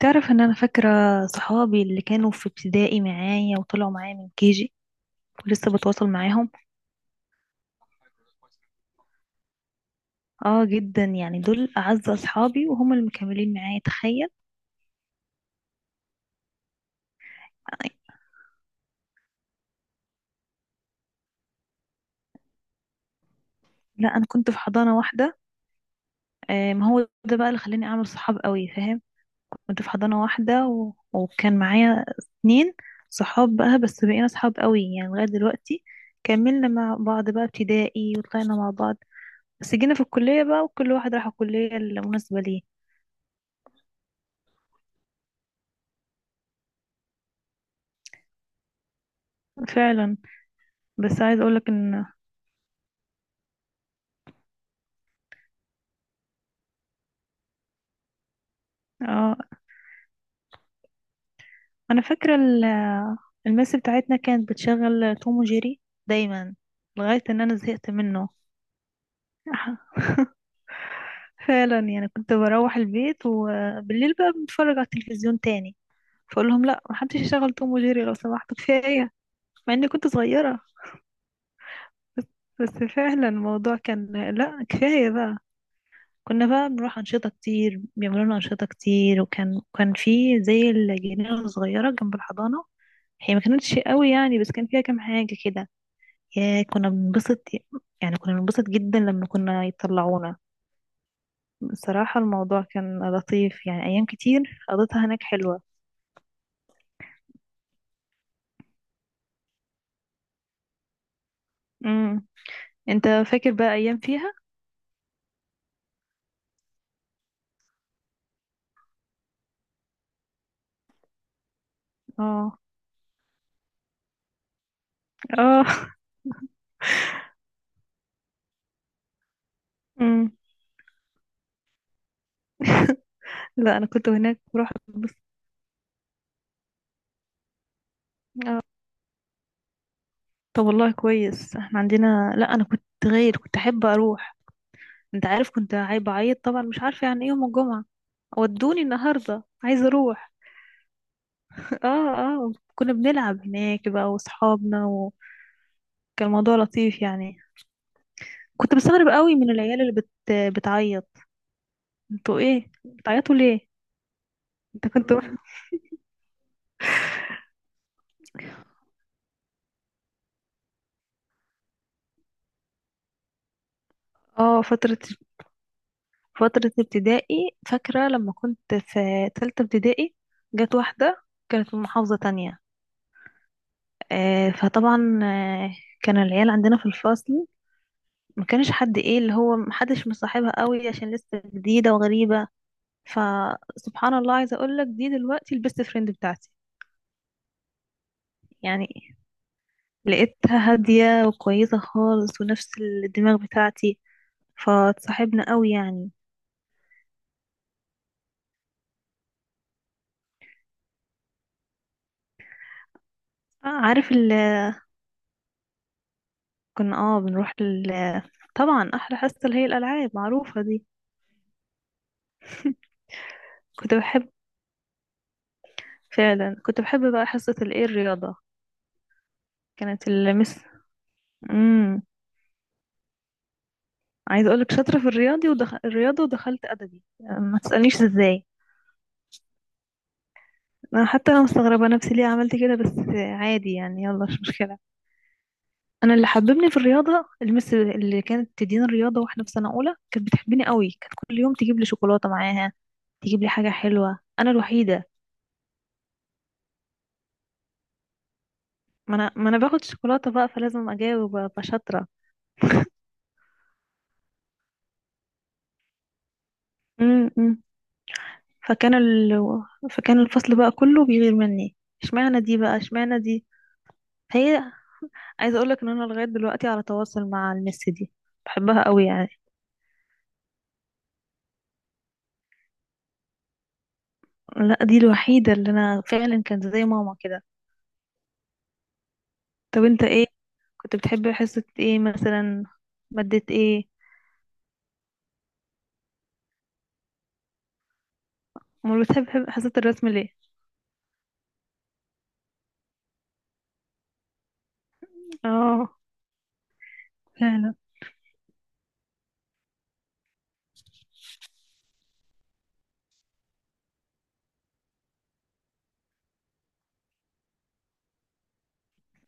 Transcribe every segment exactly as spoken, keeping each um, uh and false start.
تعرف ان انا فاكرة صحابي اللي كانوا في ابتدائي معايا وطلعوا معايا من كيجي ولسه بتواصل معاهم. اه جدا، يعني دول اعز اصحابي وهم اللي مكملين معايا، تخيل. لا، انا كنت في حضانة واحدة. آه، ما هو ده بقى اللي خلاني اعمل صحاب قوي، فاهم. كنت في حضانة واحدة و... وكان معايا اتنين صحاب بقى، بس بقينا صحاب قوي يعني لغاية دلوقتي. كملنا مع بعض بقى ابتدائي وطلعنا مع بعض. بس جينا في الكلية بقى وكل واحد راح الكلية المناسبة ليه. فعلا. بس عايز اقولك ان... اه، انا فاكره ال- المس بتاعتنا كانت بتشغل توم وجيري دايما لغايه ان انا زهقت منه. فعلا، يعني كنت بروح البيت وبالليل بقى بنتفرج على التلفزيون تاني، فاقول لهم لا، محدش يشغل توم وجيري لو سمحت، كفايه. مع اني كنت صغيره. بس فعلا الموضوع كان... لا، كفايه بقى. كنا بقى بنروح انشطه كتير، بيعملوا لنا انشطه كتير وكان كان في زي الجنينه الصغيره جنب الحضانه، هي ما كانتش قوي يعني بس كان فيها كام حاجه كده. يا كنا بنبسط، يعني كنا بنبسط جدا لما كنا يطلعونا. بصراحة الموضوع كان لطيف، يعني أيام كتير قضيتها هناك حلوة. امم. انت فاكر بقى ايام فيها؟ اه، اه. امم. لا، أنا كنت هناك بروح بس. طب والله كويس، احنا عندنا لا، أنا كنت غير، كنت أحب أروح. أنت عارف، كنت عايبة بعيط طبعا، مش عارفة يعني إيه يوم الجمعة ودوني النهاردة عايزة أروح. اه، اه، كنا بنلعب هناك بقى وأصحابنا وكان الموضوع لطيف يعني. كنت بستغرب قوي من العيال اللي بت... بتعيط. انتوا ايه بتعيطوا ليه؟ انت كنت واحد؟ اه، فترة فترة ابتدائي، فاكرة لما كنت في تالتة ابتدائي. جت واحدة كانت من محافظة تانية. آه، فطبعا آه، كان العيال عندنا في الفصل ما كانش حد ايه اللي هو محدش مصاحبها قوي عشان لسه جديدة وغريبة. فسبحان الله، عايزة اقولك دي دلوقتي البيست فريند بتاعتي. يعني لقيتها هادية وكويسة خالص ونفس الدماغ بتاعتي، فاتصاحبنا قوي يعني. آه، عارف ال... كنا اه بنروح ال... طبعا احلى حصه اللي هي الالعاب معروفه دي. كنت بحب فعلا كنت بحب بقى حصه الايه الرياضه. كانت المس... امم عايزه اقولك شاطره في الرياضي ودخ... الرياضه ودخلت ادبي، يعني ما تسالنيش ازاي. انا حتى انا مستغربه نفسي ليه عملت كده، بس عادي يعني، يلا مش مشكله. انا اللي حببني في الرياضه المس اللي كانت تديني الرياضه، واحنا في سنه اولى كانت بتحبني قوي، كانت كل يوم تجيب لي شوكولاته معاها، تجيب لي حاجه حلوه، انا الوحيده. ما انا ما انا باخد شوكولاته بقى، فلازم اجاوب ابقى شاطره. امم. فكان ال... فكان الفصل بقى كله بيغير مني، اشمعنى دي بقى اشمعنى دي. هي... عايزه اقول لك ان انا لغايه دلوقتي على تواصل مع المس دي، بحبها قوي يعني. لا، دي الوحيده اللي انا فعلا كانت زي ماما كده. طب انت ايه، كنت بتحب حصة ايه مثلا؟ مادة ايه؟ امال بتحب حصة الرسم ليه؟ اه، فعلا.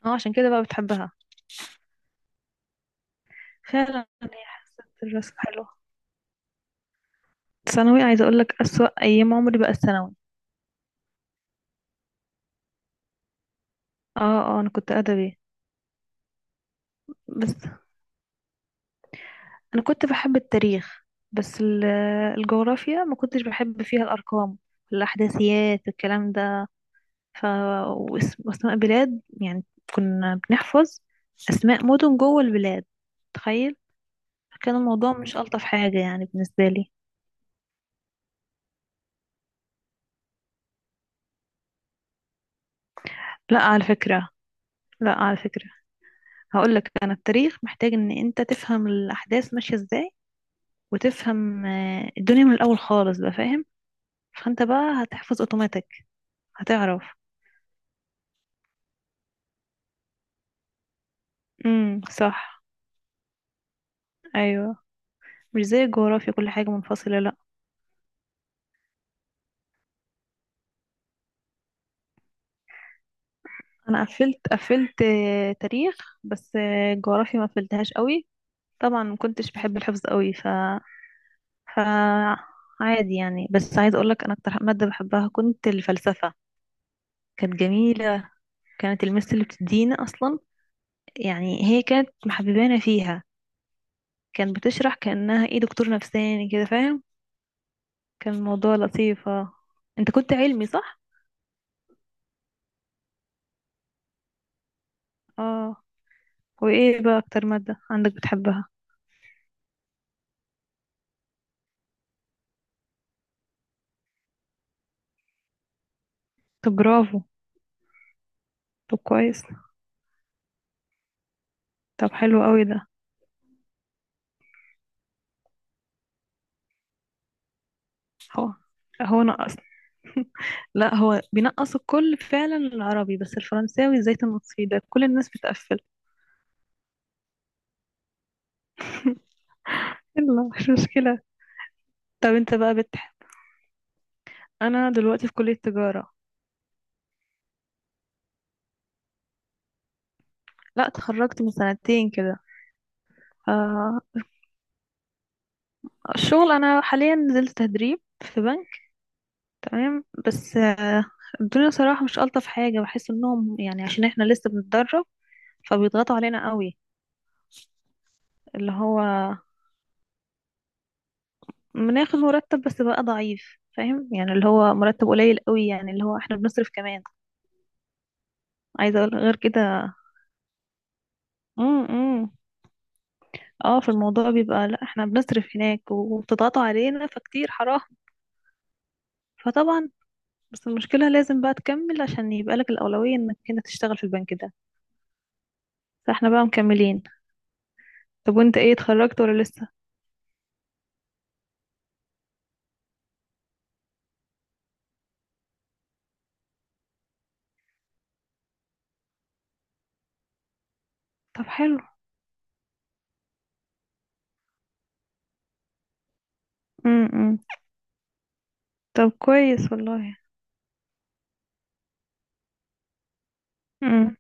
اه، عشان كده بقى بتحبها. فعلا هي حصة الرسم حلوة. ثانوي عايزة اقولك اسوأ ايام عمري بقى الثانوي. اه، اه، انا كنت ادبي. بس انا كنت بحب التاريخ. بس ال- الجغرافيا ما كنتش بحب فيها الارقام، الاحداثيات الكلام ده. ف واسم- واسماء بلاد يعني، كنا بنحفظ اسماء مدن جوه البلاد، تخيل. كان الموضوع مش ألطف حاجة يعني بالنسبة لي. لا على فكرة، لا على فكرة، هقول لك أنا التاريخ محتاج إن أنت تفهم الأحداث ماشية إزاي، وتفهم آه، الدنيا من الأول خالص بقى، فاهم. فأنت بقى هتحفظ أوتوماتيك، هتعرف. امم، صح. أيوه. مش زي الجغرافيا كل حاجة منفصلة، لا. أنا قفلت قفلت آه، تاريخ. بس آه، الجغرافيا ما قفلتهاش قوي. طبعا ما كنتش بحب الحفظ قوي، ف ف عادي يعني. بس عايز اقول لك انا اكتر ماده بحبها كنت الفلسفه، كانت جميلة. كانت المس اللي بتدينا أصلا، يعني هي كانت محببانة فيها، كانت بتشرح كأنها ايه دكتور نفساني كده، فاهم. كان الموضوع لطيف، اه. انت كنت علمي صح؟ اه. وايه بقى أكتر مادة عندك بتحبها؟ طب برافو. طب كويس. طب حلو قوي ده. هو هو نقص. لا، هو بينقص الكل فعلا العربي، بس الفرنساوي زيت النصفي ده كل الناس بتقفل. يلا مش مشكلة. طب انت بقى بتحب... انا دلوقتي في كلية تجارة. لا، اتخرجت من سنتين كده. آه، الشغل انا حاليا نزلت تدريب في بنك. تمام، بس آه، الدنيا صراحة مش ألطف حاجة، بحس انهم يعني عشان احنا لسه بنتدرب فبيضغطوا علينا قوي. اللي هو بناخد مرتب بس بقى ضعيف، فاهم يعني، اللي هو مرتب قليل قوي، يعني اللي هو احنا بنصرف كمان. عايزة اقول غير كده. امم. اه، في الموضوع بيبقى لا احنا بنصرف هناك وبتضغطوا علينا فكتير حرام. فطبعا بس المشكلة لازم بقى تكمل عشان يبقى لك الأولوية انك انت تشتغل في البنك ده. فاحنا بقى مكملين. طب وانت ايه، اتخرجت ولا لسه؟ طب حلو. امم. طب كويس والله. امم.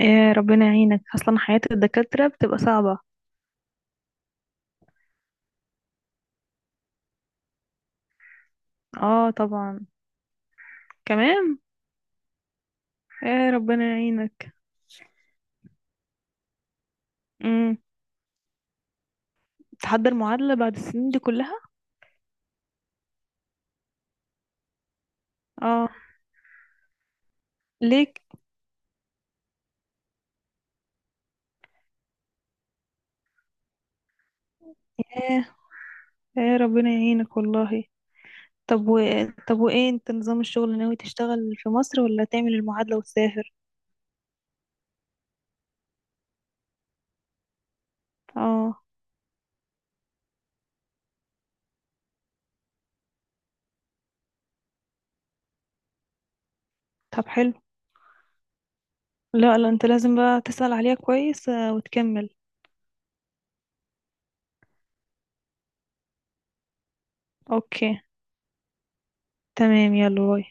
يا ربنا يعينك، اصلا حياة الدكاترة بتبقى صعبة. اه، طبعا. كمان. يا ربنا يعينك. امم. تحضر معادلة بعد السنين دي كلها؟ اه. ليك. يا يا ربنا يعينك والله. طب و... طب وايه انت نظام الشغل، ناوي تشتغل في مصر ولا تعمل المعادلة وتسافر؟ اه. طب حلو. لا، لا، انت لازم بقى تسأل عليها كويس آه، وتكمل. اوكي. تمام، يلا باي.